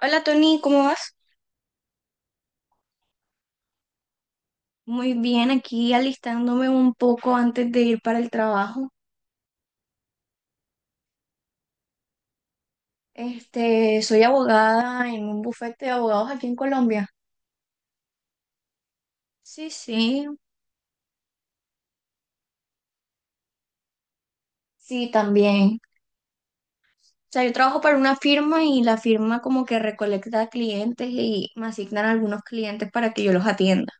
Hola Tony, ¿cómo vas? Muy bien, aquí alistándome un poco antes de ir para el trabajo. Soy abogada en un bufete de abogados aquí en Colombia. Sí, sí, sí, también. O sea, yo trabajo para una firma y la firma como que recolecta clientes y me asignan algunos clientes para que yo los atienda.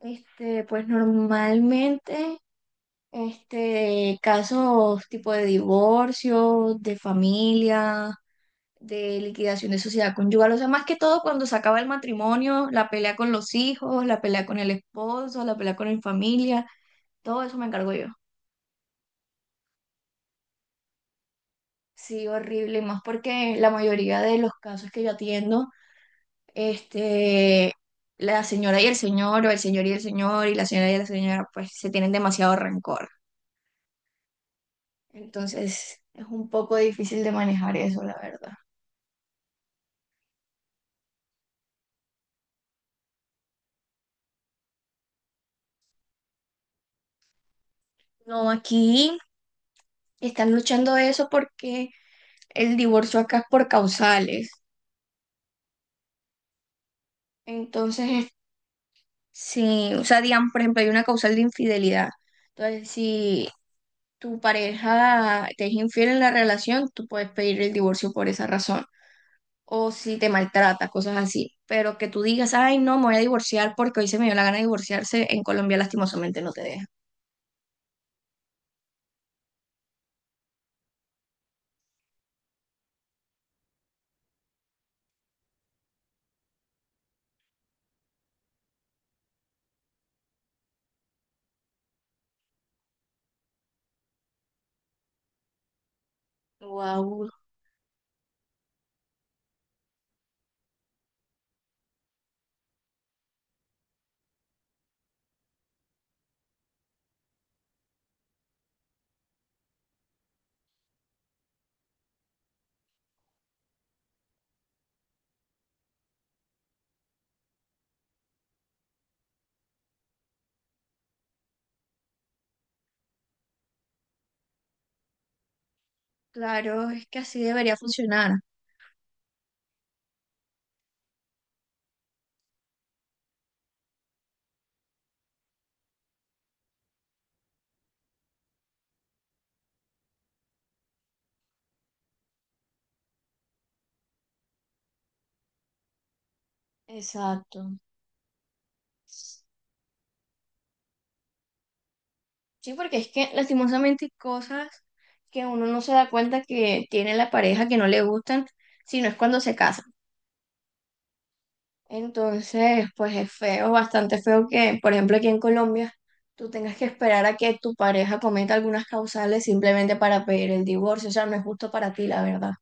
Pues normalmente, casos tipo de divorcio, de familia, de liquidación de sociedad conyugal, o sea, más que todo cuando se acaba el matrimonio, la pelea con los hijos, la pelea con el esposo, la pelea con la familia, todo eso me encargo yo. Sí, horrible, y más porque la mayoría de los casos que yo atiendo, este, la señora y el señor, o el señor, y la señora, pues se tienen demasiado rencor. Entonces, es un poco difícil de manejar eso, la verdad. No, aquí están luchando eso porque el divorcio acá es por causales. Entonces, es- si, o sea, digamos, por ejemplo, hay una causal de infidelidad. Entonces, si tu pareja te es infiel en la relación, tú puedes pedir el divorcio por esa razón. O si te maltrata, cosas así. Pero que tú digas, ay, no, me voy a divorciar porque hoy se me dio la gana de divorciarse, en Colombia lastimosamente no te deja. Wow, claro, es que así debería funcionar. Exacto. Sí, porque es que lastimosamente hay cosas que uno no se da cuenta que tiene la pareja que no le gustan, sino es cuando se casa. Entonces, pues es feo, bastante feo que, por ejemplo, aquí en Colombia, tú tengas que esperar a que tu pareja cometa algunas causales simplemente para pedir el divorcio. O sea, no es justo para ti, la verdad.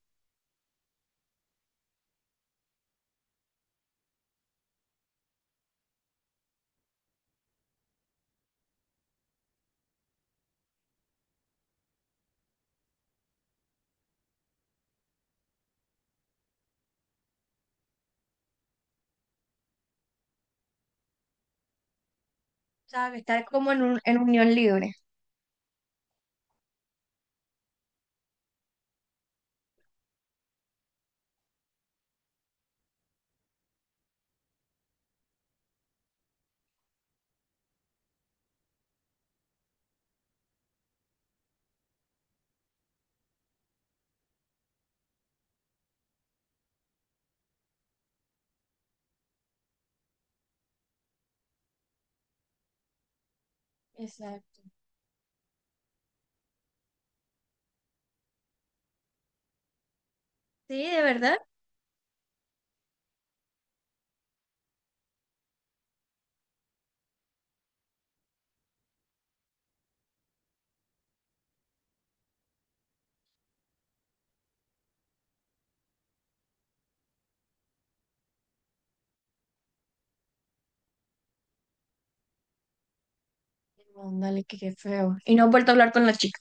¿Sabes? Estar como en un, en unión libre. Exacto. Sí, de verdad. Ándale, que qué feo. Y no he vuelto a hablar con la chica.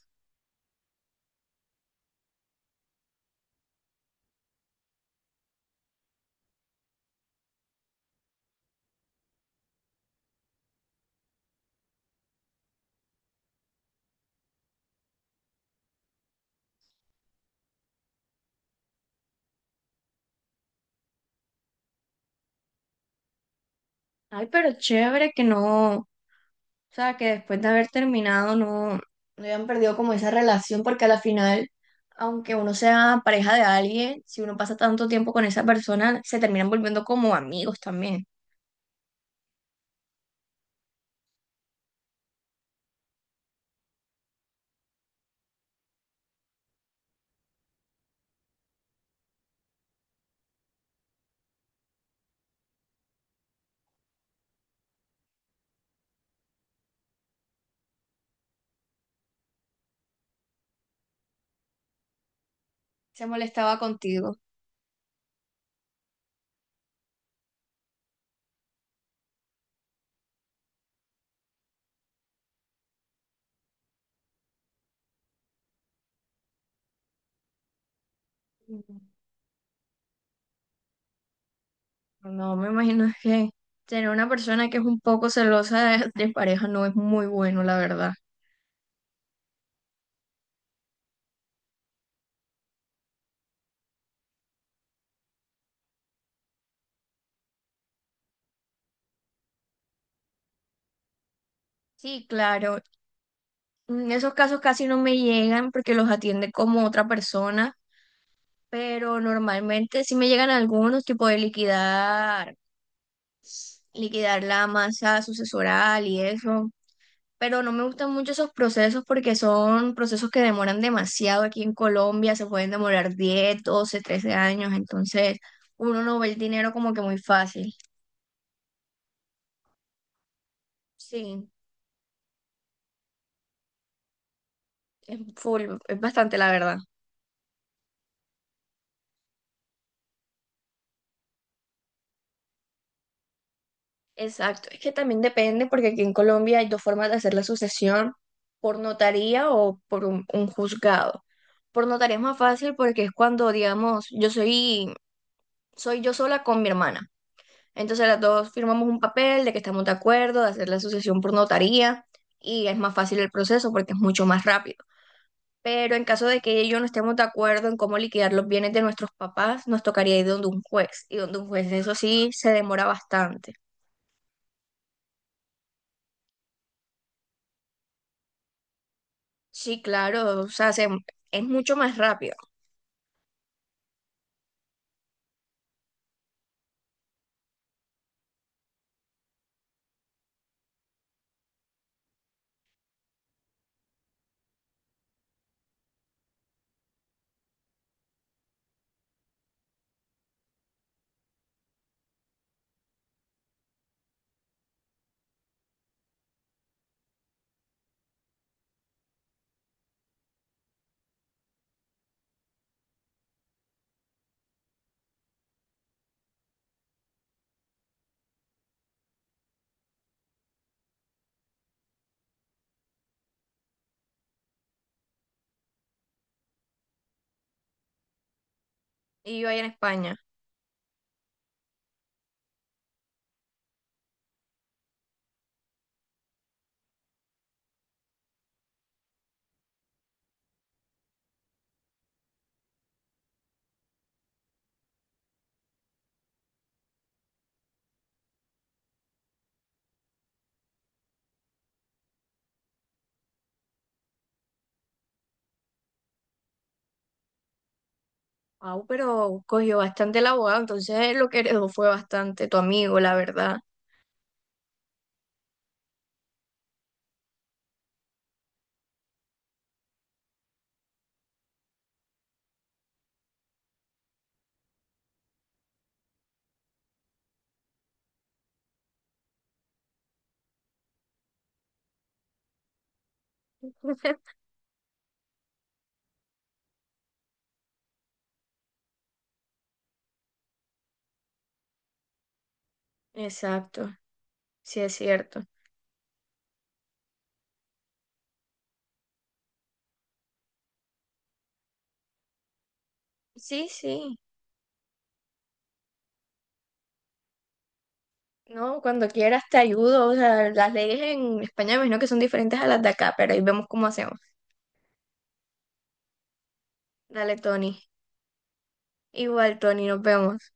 Ay, pero chévere que no. O sea, que después de haber terminado no hayan perdido como esa relación, porque a la final, aunque uno sea pareja de alguien, si uno pasa tanto tiempo con esa persona, se terminan volviendo como amigos también. Se molestaba contigo. No, me imagino que tener una persona que es un poco celosa de pareja no es muy bueno, la verdad. Sí, claro. En esos casos casi no me llegan porque los atiende como otra persona, pero normalmente sí me llegan algunos, tipo de liquidar la masa sucesoral y eso, pero no me gustan mucho esos procesos porque son procesos que demoran demasiado aquí en Colombia, se pueden demorar 10 12 13 años, entonces uno no ve el dinero como que muy fácil. Sí, es full, es bastante la verdad. Exacto, es que también depende porque aquí en Colombia hay dos formas de hacer la sucesión, por notaría o por un juzgado. Por notaría es más fácil porque es cuando, digamos, soy yo sola con mi hermana. Entonces las dos firmamos un papel de que estamos de acuerdo, de hacer la asociación por notaría y es más fácil el proceso porque es mucho más rápido. Pero en caso de que ella y yo no estemos de acuerdo en cómo liquidar los bienes de nuestros papás, nos tocaría ir donde un juez y donde un juez eso sí se demora bastante. Sí, claro, es mucho más rápido. Y yo ahí en España. Wow, pero cogió bastante el abogado, entonces lo que heredó fue bastante tu amigo, la verdad. Exacto, sí es cierto. Sí, sí. No, cuando quieras te ayudo. O sea, las leyes en España me imagino que son diferentes a las de acá, pero ahí vemos cómo hacemos. Dale, Tony. Igual, Tony, nos vemos.